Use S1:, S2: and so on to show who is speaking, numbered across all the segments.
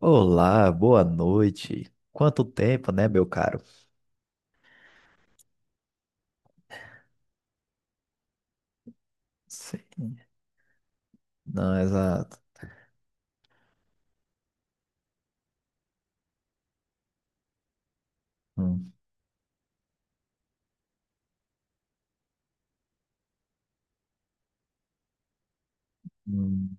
S1: Olá, boa noite. Quanto tempo, né, meu caro? Sim. Não, exato. Hum, hum.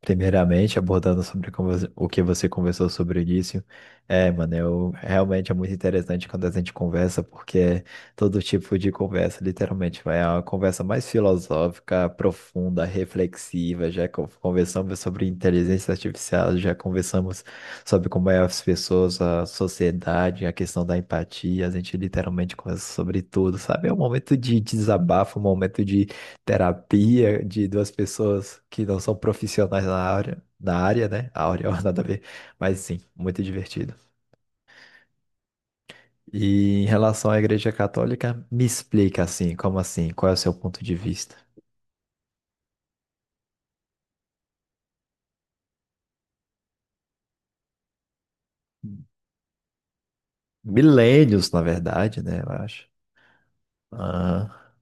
S1: Primeiramente, abordando sobre o que você conversou sobre o início, mano, eu, realmente é muito interessante quando a gente conversa, porque é todo tipo de conversa, literalmente, vai é uma conversa mais filosófica, profunda, reflexiva, já conversamos sobre inteligência artificial, já conversamos sobre como é as pessoas, a sociedade, a questão da empatia, a gente literalmente conversa sobre tudo, sabe? É um momento de desabafo, um momento terapia de duas pessoas que não são profissionais na área, né? Áurea, ó, nada a ver. Mas sim, muito divertido. E em relação à Igreja Católica, me explica assim, como assim? Qual é o seu ponto de vista? Milênios, na verdade, né? Eu acho. Ah,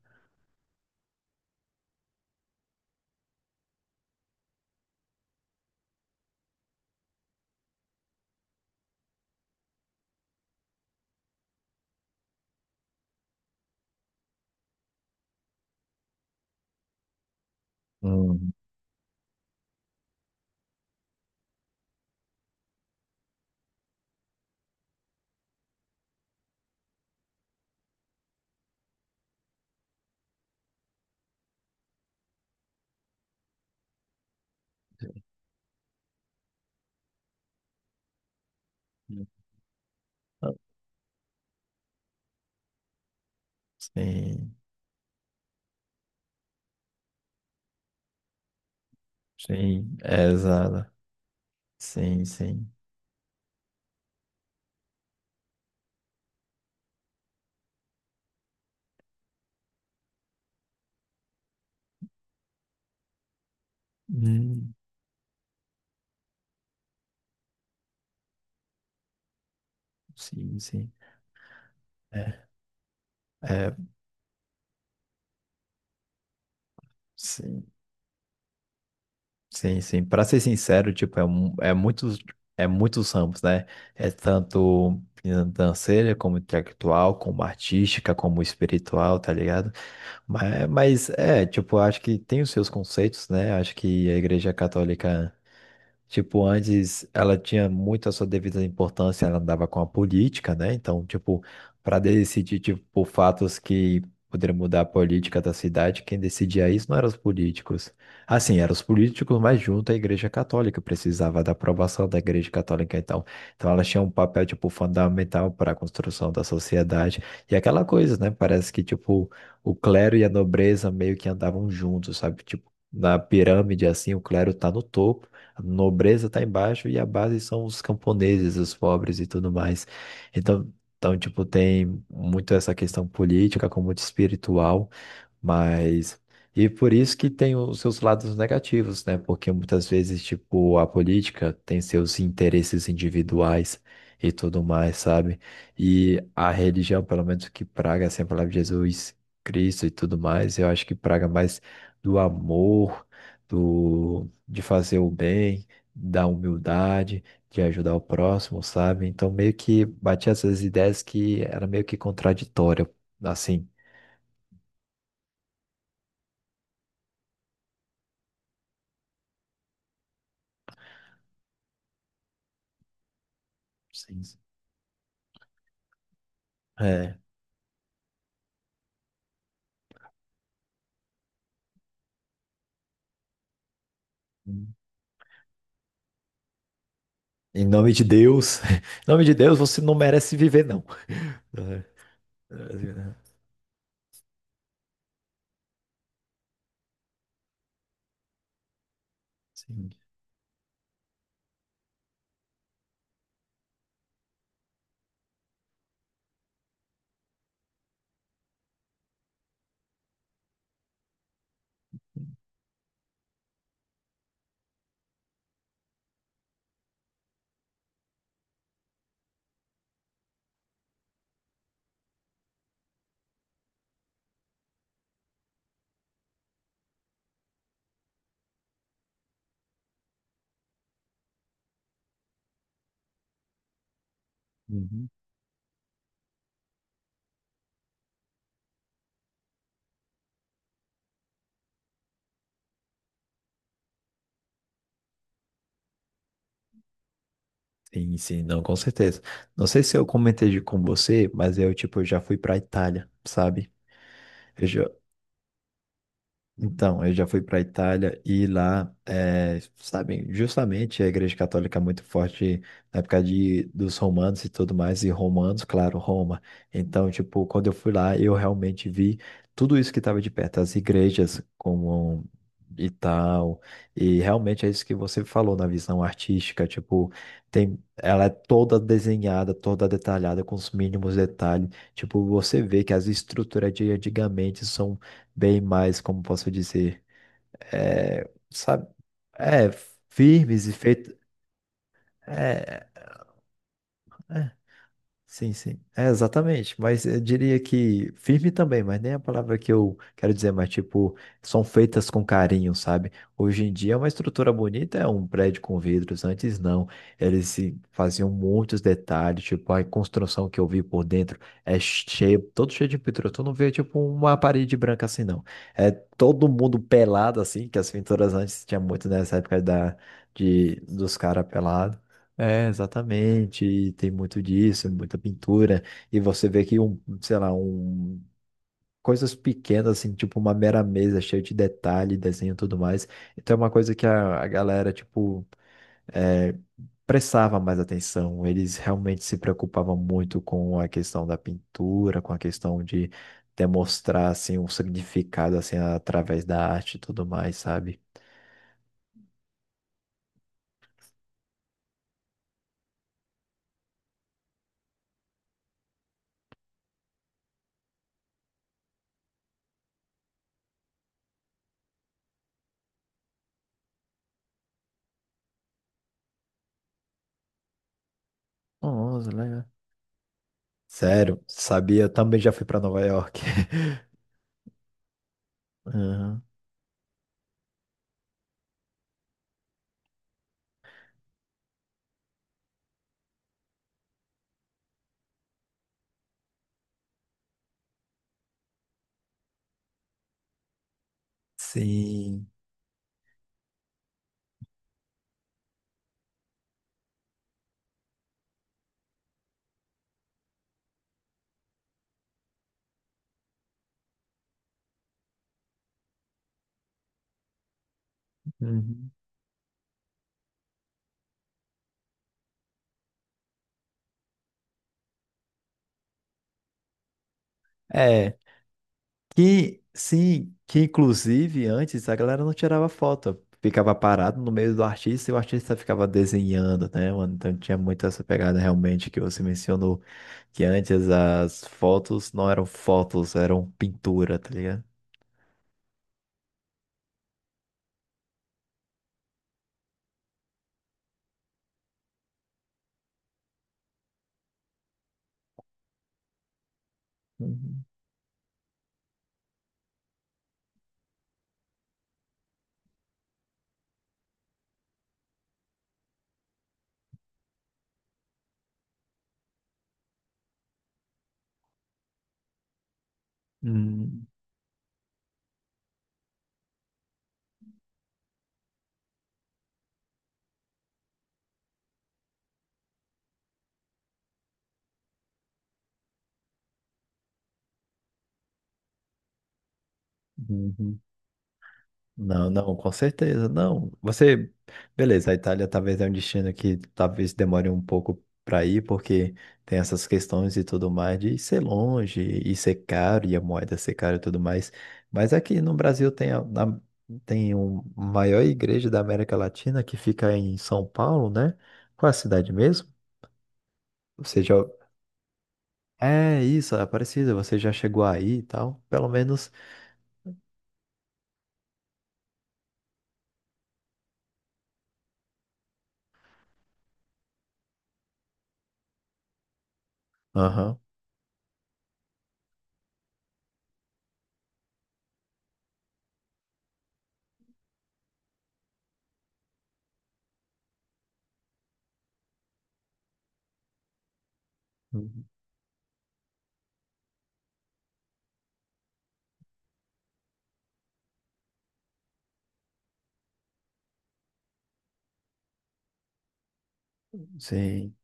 S1: hum, sim, sim, é, exato. Sim, sim. Hum, sim, sim. É, é, sim. Sim, sim. Para ser sincero, tipo, é muitos ramos, né? É tanto financeira, como intelectual, como artística, como espiritual, tá ligado? Mas é, tipo, acho que tem os seus conceitos, né? Acho que a Igreja Católica. Tipo, antes ela tinha muito a sua devida importância, ela andava com a política, né? Então, tipo, para decidir, tipo, fatos que poderiam mudar a política da cidade, quem decidia isso não eram os políticos. Assim, eram os políticos, mas junto à Igreja Católica, precisava da aprovação da Igreja Católica, então. Então, ela tinha um papel, tipo, fundamental para a construção da sociedade. E aquela coisa, né? Parece que, tipo, o clero e a nobreza meio que andavam juntos, sabe? Tipo, na pirâmide, assim, o clero tá no topo, a nobreza está embaixo e a base são os camponeses, os pobres e tudo mais. Então, tipo, tem muito essa questão política, como muito espiritual. Mas. E por isso que tem os seus lados negativos, né? Porque muitas vezes, tipo, a política tem seus interesses individuais e tudo mais, sabe? E a religião, pelo menos que praga sempre a palavra de Jesus Cristo e tudo mais, eu acho que praga mais do amor, do de fazer o bem, da humildade, de ajudar o próximo, sabe? Então meio que batia essas ideias que era meio que contraditória, assim. Sim. É. Em nome de Deus, em nome de Deus, você não merece viver, não. É, é, sim. Uhum. Sim, sim, não, com certeza. Não sei se eu comentei com você, mas eu, tipo, já fui pra Itália, sabe? Então, eu já fui para a Itália e lá, é, sabem, justamente a Igreja Católica é muito forte na época de, dos romanos e tudo mais, e romanos, claro, Roma. Então, tipo, quando eu fui lá, eu realmente vi tudo isso que estava de perto, as igrejas como e tal, e realmente é isso que você falou na visão artística, tipo, tem, ela é toda desenhada, toda detalhada, com os mínimos detalhes. Tipo, você vê que as estruturas de antigamente são bem mais, como posso dizer, é, sabe, é, firmes e feitos. É, é. Sim, sim. É, exatamente. Mas eu diria que firme também, mas nem a palavra que eu quero dizer, mas tipo, são feitas com carinho, sabe? Hoje em dia é uma estrutura bonita, é um prédio com vidros, antes não. Eles se faziam muitos detalhes, tipo, a construção que eu vi por dentro é cheio, todo cheio de pintura. Tu não vê, tipo, uma parede branca assim, não. É todo mundo pelado, assim, que as pinturas antes tinha muito nessa época da, de, dos caras pelados. É, exatamente. E tem muito disso, muita pintura. E você vê que um, sei lá, um coisas pequenas assim, tipo uma mera mesa cheia de detalhe, desenho e tudo mais. Então é uma coisa que a galera tipo é, prestava mais atenção. Eles realmente se preocupavam muito com a questão da pintura, com a questão de demonstrar assim um significado assim através da arte e tudo mais, sabe? Nossa, legal. Sério, sabia? Eu também já fui para Nova York. Aham. Sim. Uhum. É, que sim, que inclusive antes a galera não tirava foto, ficava parado no meio do artista e o artista ficava desenhando, né, mano? Então tinha muito essa pegada realmente que você mencionou, que antes as fotos não eram fotos, eram pintura, tá ligado? Uhum. Uhum. Uhum. Não, não, com certeza, não. Você, beleza, a Itália talvez é um destino que talvez demore um pouco para ir, porque tem essas questões e tudo mais de ser longe e ser caro e a moeda ser cara e tudo mais. Mas aqui no Brasil tem tem um maior igreja da América Latina que fica em São Paulo, né? Qual é a cidade mesmo? Você já é isso, Aparecida, você já chegou aí e tal, pelo menos. Aham. Sim.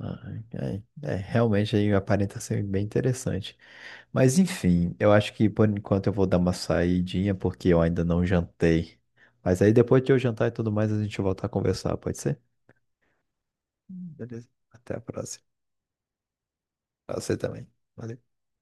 S1: Ah, é, é, é, realmente aí aparenta ser bem interessante. Mas enfim, eu acho que por enquanto eu vou dar uma saidinha porque eu ainda não jantei. Mas aí depois que eu jantar e tudo mais, a gente volta a conversar, pode ser? Beleza. Até a próxima. Pra você também. Valeu.